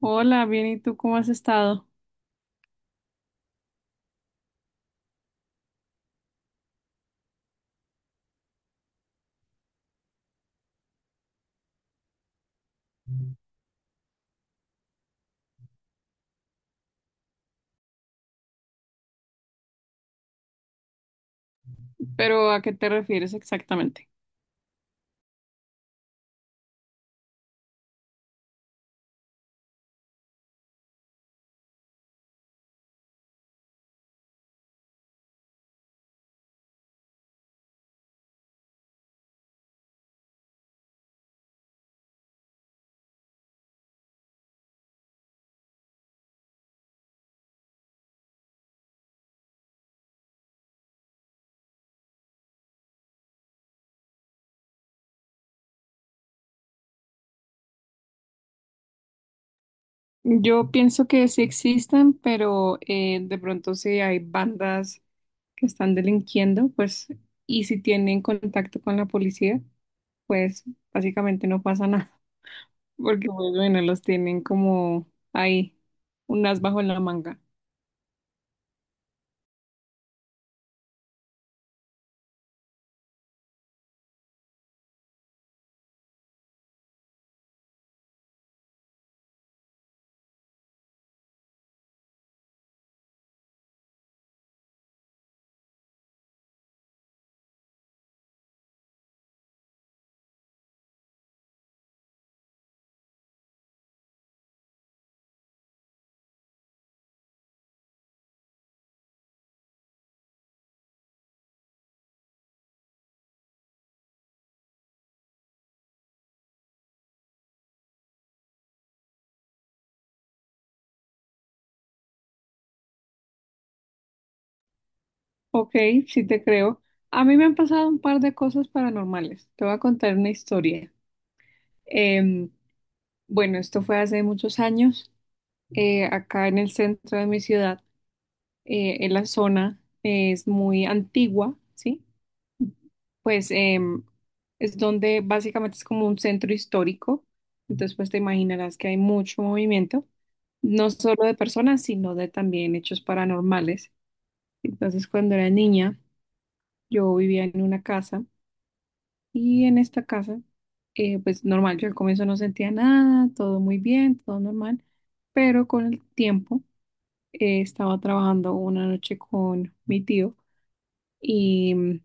Hola, bien, ¿y tú cómo has estado? Pero ¿a qué te refieres exactamente? Yo pienso que sí existen, pero de pronto si hay bandas que están delinquiendo, pues, y si tienen contacto con la policía, pues básicamente no pasa nada, porque pues, bueno, los tienen como ahí, un as bajo la manga. Ok, sí te creo. A mí me han pasado un par de cosas paranormales. Te voy a contar una historia. Em, bueno, esto fue hace muchos años. Acá en el centro de mi ciudad, en la zona es muy antigua, ¿sí? Pues es donde básicamente es como un centro histórico, entonces pues te imaginarás que hay mucho movimiento, no solo de personas, sino de también hechos paranormales. Entonces cuando era niña, yo vivía en una casa y en esta casa, pues normal, yo al comienzo no sentía nada, todo muy bien, todo normal, pero con el tiempo estaba trabajando una noche con mi tío y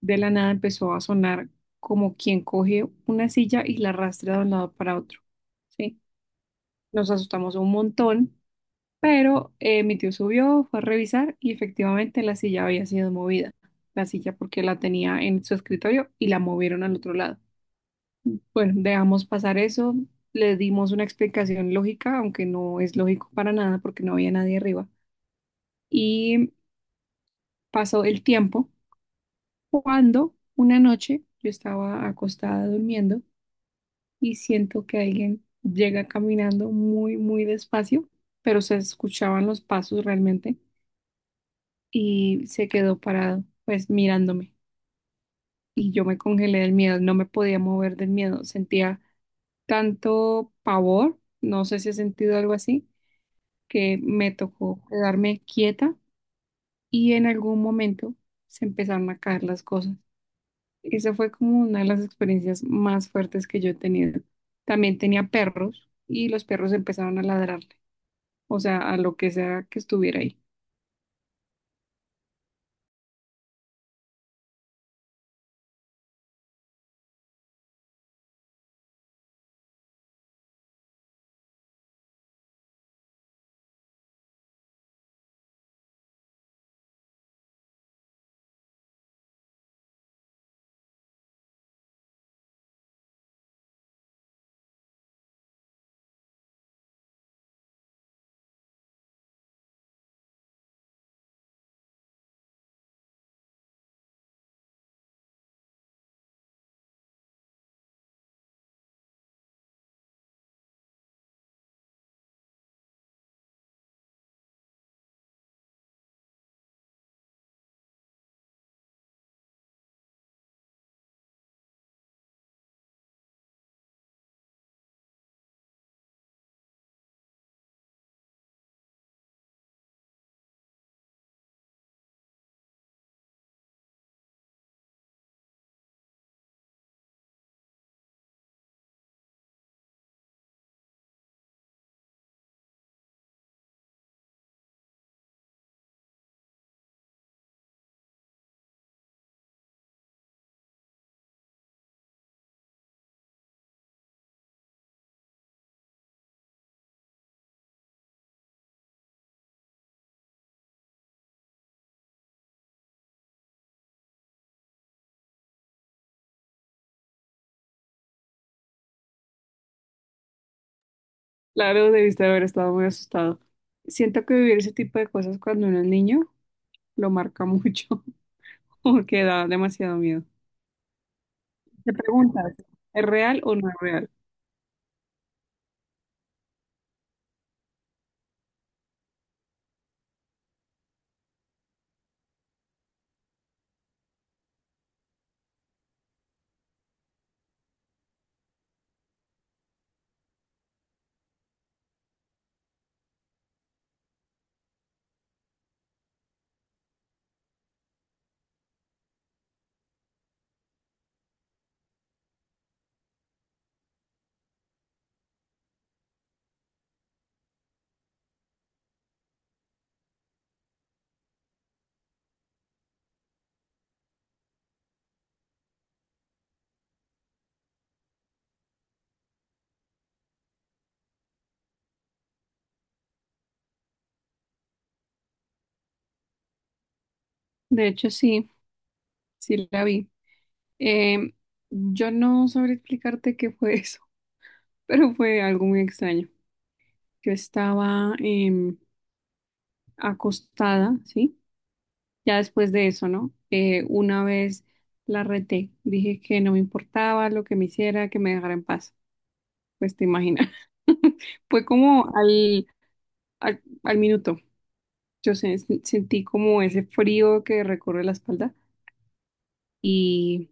de la nada empezó a sonar como quien coge una silla y la arrastra de un lado para otro, ¿sí? Nos asustamos un montón, pero mi tío subió, fue a revisar y efectivamente la silla había sido movida. La silla porque la tenía en su escritorio y la movieron al otro lado. Bueno, dejamos pasar eso, le dimos una explicación lógica, aunque no es lógico para nada porque no había nadie arriba. Y pasó el tiempo. Cuando una noche yo estaba acostada durmiendo y siento que alguien llega caminando muy, muy despacio, pero se escuchaban los pasos realmente y se quedó parado, pues mirándome. Y yo me congelé del miedo, no me podía mover del miedo, sentía tanto pavor, no sé si he sentido algo así, que me tocó quedarme quieta y en algún momento se empezaron a caer las cosas. Esa fue como una de las experiencias más fuertes que yo he tenido. También tenía perros y los perros empezaron a ladrarle, o sea, a lo que sea que estuviera ahí. Claro, debiste haber estado muy asustado. Siento que vivir ese tipo de cosas cuando uno es niño lo marca mucho, porque da demasiado miedo. Te preguntas, ¿es real o no es real? De hecho, sí, sí la vi. Em, yo no sabré explicarte qué fue eso, pero fue algo muy extraño. Yo estaba acostada, ¿sí? Ya después de eso, ¿no? Una vez la reté, dije que no me importaba lo que me hiciera, que me dejara en paz. Pues te imaginas. Fue como al, al, al minuto. Yo se- Sentí como ese frío que recorre la espalda y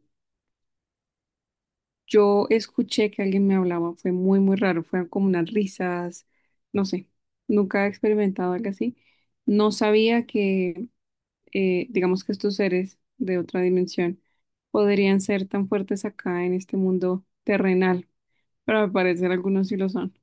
yo escuché que alguien me hablaba. Fue muy, muy raro. Fueron como unas risas, no sé. Nunca he experimentado algo así. No sabía que digamos que estos seres de otra dimensión podrían ser tan fuertes acá en este mundo terrenal, pero al parecer algunos sí lo son.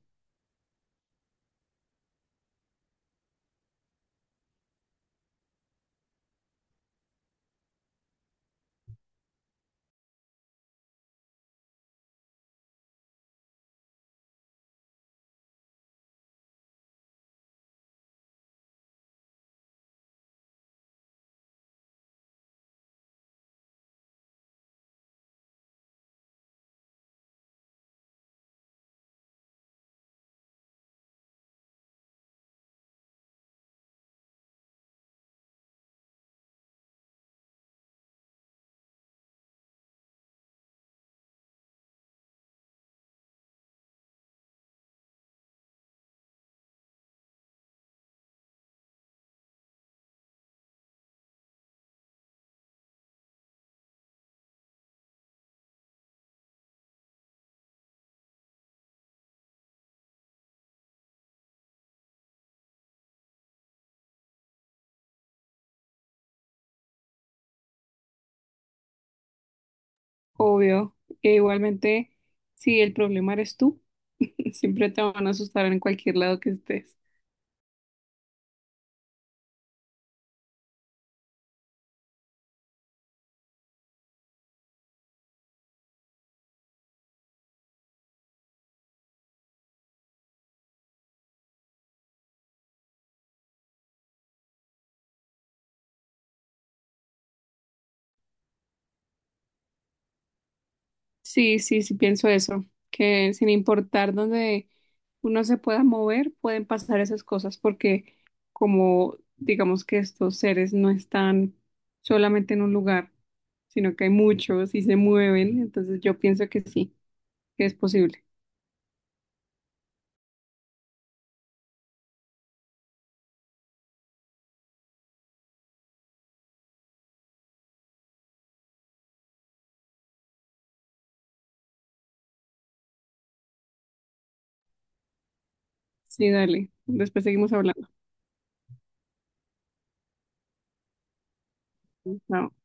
Obvio, e igualmente, si el problema eres tú, siempre te van a asustar en cualquier lado que estés. Sí, sí, sí, pienso eso, que sin importar dónde uno se pueda mover, pueden pasar esas cosas, porque como digamos que estos seres no están solamente en un lugar, sino que hay muchos y se mueven, entonces yo pienso que sí, que es posible. Sí, dale, después seguimos hablando. Chao.